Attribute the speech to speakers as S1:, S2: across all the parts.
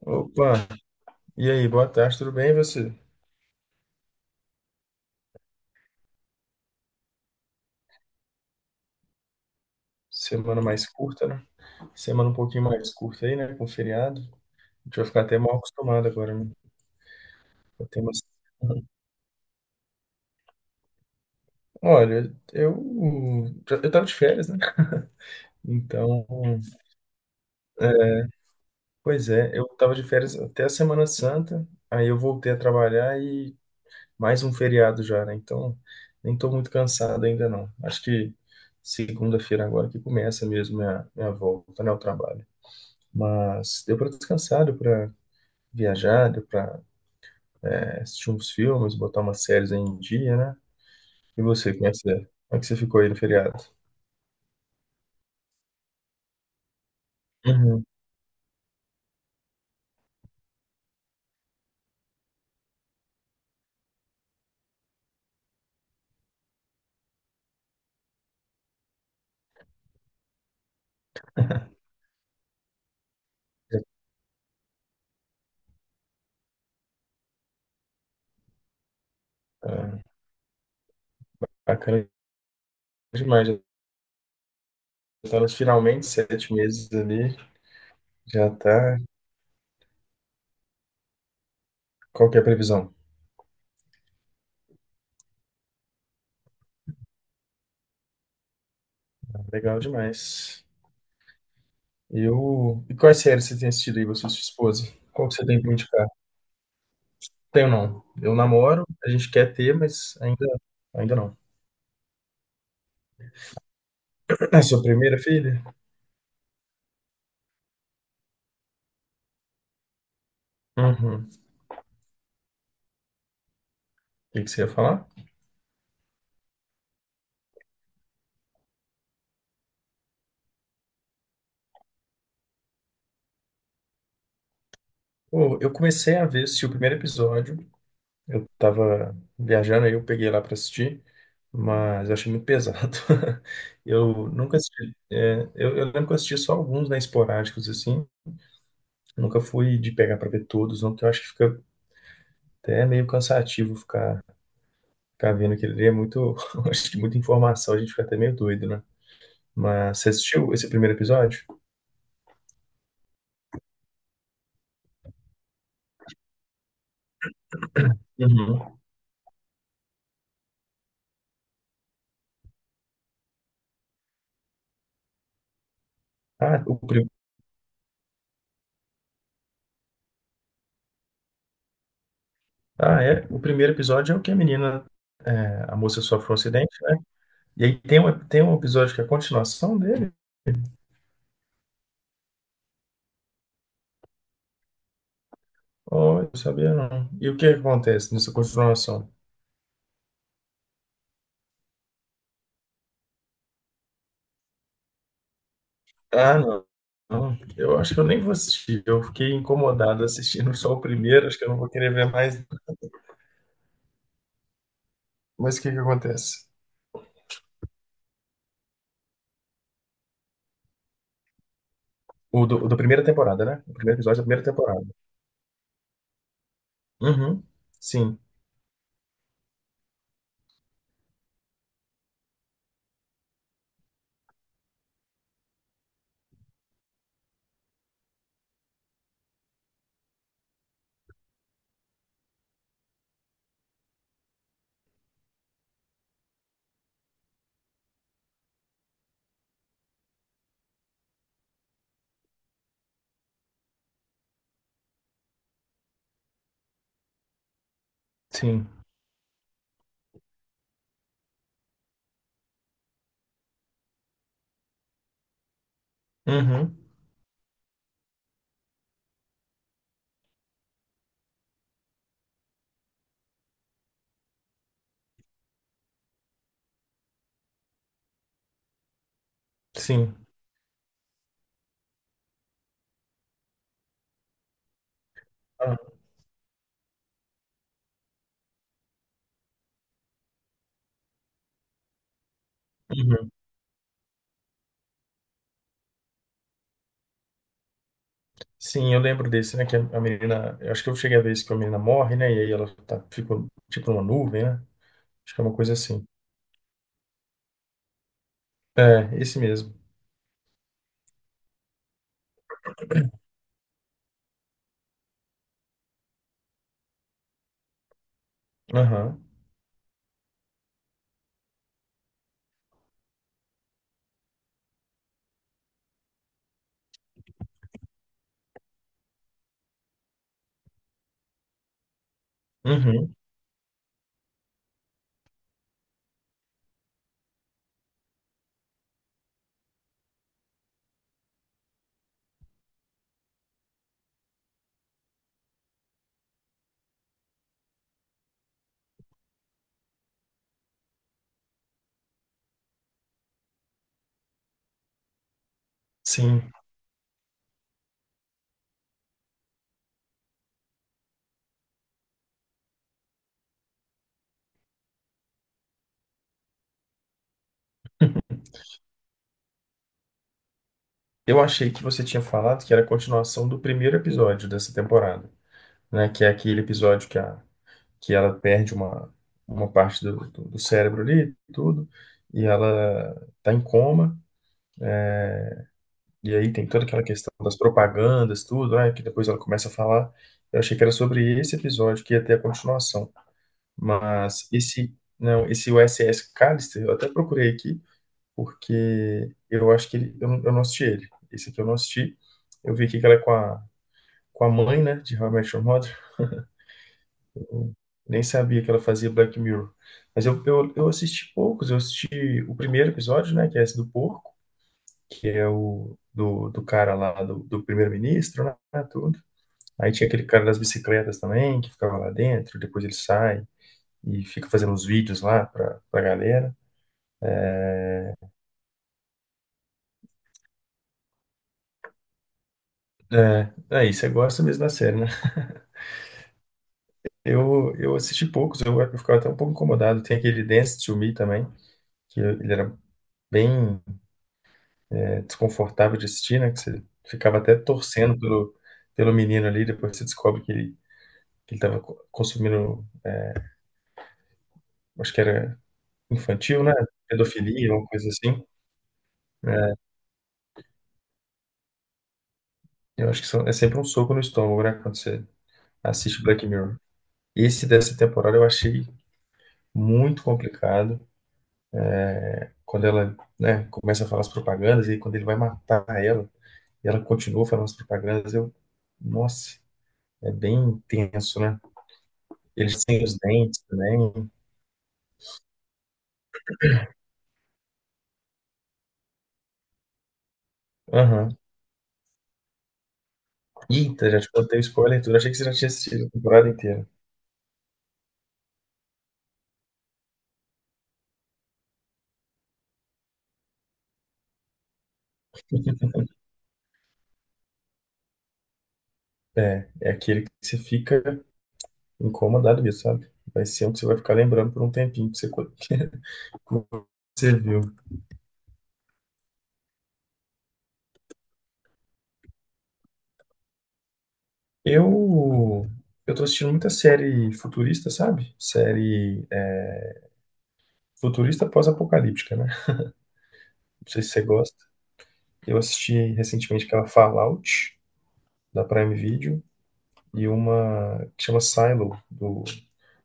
S1: Opa, e aí, boa tarde, tudo bem e você? Semana mais curta, né? Semana um pouquinho mais curta aí, né? Com feriado. A gente vai ficar até mal acostumado agora, né? Eu tenho umas- Olha, eu tava de férias, né? Então, é, pois é, eu tava de férias até a Semana Santa, aí eu voltei a trabalhar e mais um feriado já, né? Então, nem tô muito cansado ainda não. Acho que segunda-feira agora que começa mesmo minha volta, né, ao trabalho. Mas deu para descansar, viajar, deu pra assistir uns filmes, botar umas séries aí em dia, né? E você, como é que você ficou aí no feriado? Uhum. Já tá. Bacana demais, já tá nos finalmente sete meses ali, já tá. Qual que é a previsão? Legal demais. E, e quais séries você tem assistido aí, você e sua esposa? Qual que você tem pra indicar? Tenho não. Eu namoro, a gente quer ter, mas ainda não. É sua primeira filha? Uhum. O que que você ia falar? Pô, eu comecei a ver, assisti o primeiro episódio. Eu tava viajando aí, eu peguei lá pra assistir, mas eu achei muito pesado. Eu nunca assisti. Eu lembro que eu assisti só alguns, né, esporádicos, assim. Nunca fui de pegar pra ver todos, não, porque eu acho que fica até meio cansativo ficar vendo aquele ali. É muito. Acho que muita informação, a gente fica até meio doido, né? Mas você assistiu esse primeiro episódio? Uhum. Ah, o, pri- ah, é. O primeiro episódio é o que a moça sofre um acidente, né? E aí tem tem um episódio que é a continuação dele. Oh, eu sabia não. E o que acontece nessa continuação? Ah, não. Não, eu acho que eu nem vou assistir. Eu fiquei incomodado assistindo só o primeiro, acho que eu não vou querer ver mais. Mas o que que acontece? O da primeira temporada, né? O primeiro episódio da primeira temporada. Uhum. Sim, sim. Uhum. Sim. Ah, uhum. Sim, eu lembro desse, né? Que a menina. Eu acho que eu cheguei a ver isso, que a menina morre, né? E aí ela tá, fica tipo numa nuvem, né? Acho que é uma coisa assim. É, esse mesmo. Aham. Uhum. Sim. Eu achei que você tinha falado que era a continuação do primeiro episódio dessa temporada, né? Que é aquele episódio que, que ela perde uma parte do cérebro ali, tudo, e ela tá em coma, e aí tem toda aquela questão das propagandas, tudo, né? Que depois ela começa a falar. Eu achei que era sobre esse episódio que ia ter a continuação, mas esse, não, esse USS Callister, eu até procurei aqui, porque eu acho que ele, eu não assisti ele. Esse aqui eu não assisti. Eu vi aqui que ela é com a mãe, né, de How I Met Your Mother. Eu nem sabia que ela fazia Black Mirror. Mas eu assisti poucos. Eu assisti o primeiro episódio, né, que é esse do porco, que é o do cara lá, do primeiro-ministro, né, tudo. Aí tinha aquele cara das bicicletas também, que ficava lá dentro. Depois ele sai e fica fazendo uns vídeos lá pra galera. É, aí você gosta mesmo da série, né? Eu assisti poucos, eu ficava até um pouco incomodado. Tem aquele Dance to Me também, que ele era bem é desconfortável de assistir, né? Que você ficava até torcendo pelo, pelo menino ali, depois você descobre que que ele tava consumindo, acho que era infantil, né? Pedofilia, uma coisa assim. Eu acho que é sempre um soco no estômago, né? Quando você assiste Black Mirror. Esse dessa temporada eu achei muito complicado. Quando ela, né, começa a falar as propagandas, e aí quando ele vai matar ela, e ela continua falando as propagandas, eu. Nossa, é bem intenso, né? Eles têm os dentes também. Aham. Eita, já te contei o spoiler e tudo. Achei que você já tinha assistido a temporada inteira. É, é aquele que você fica incomodado mesmo, sabe? Vai ser um que você vai ficar lembrando por um tempinho que você, você viu. Eu, eu tô assistindo muita série futurista, sabe? Série futurista pós-apocalíptica, né? Não sei se você gosta. Eu assisti recentemente aquela Fallout, da Prime Video, e uma que chama Silo,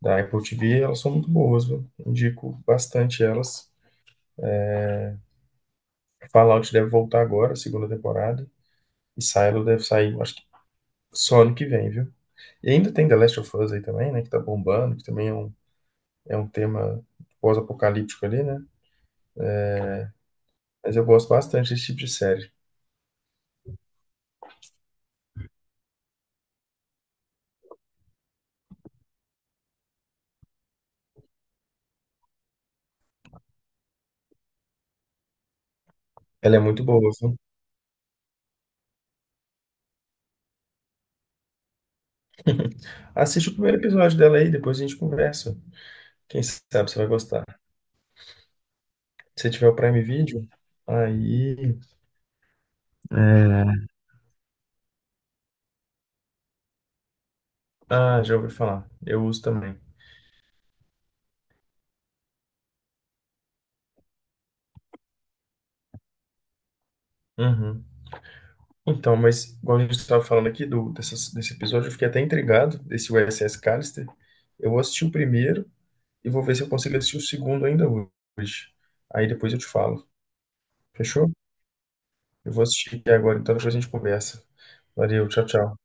S1: da Apple TV. Elas são muito boas, viu? Indico bastante elas. Fallout deve voltar agora, segunda temporada. E Silo deve sair, acho que só ano que vem, viu? E ainda tem The Last of Us aí também, né? Que tá bombando, que também é é um tema pós-apocalíptico ali, né? Mas eu gosto bastante desse tipo de série. Ela é muito boa, viu? Assiste o primeiro episódio dela aí, depois a gente conversa. Quem sabe você vai gostar. Se tiver o Prime Video, aí. É. Ah, já ouvi falar. Eu uso também. Uhum. Então, mas igual a gente estava falando aqui desse episódio, eu fiquei até intrigado desse USS Callister. Eu vou assistir o primeiro e vou ver se eu consigo assistir o segundo ainda hoje. Aí depois eu te falo. Fechou? Eu vou assistir aqui agora, então depois a gente conversa. Valeu, tchau, tchau.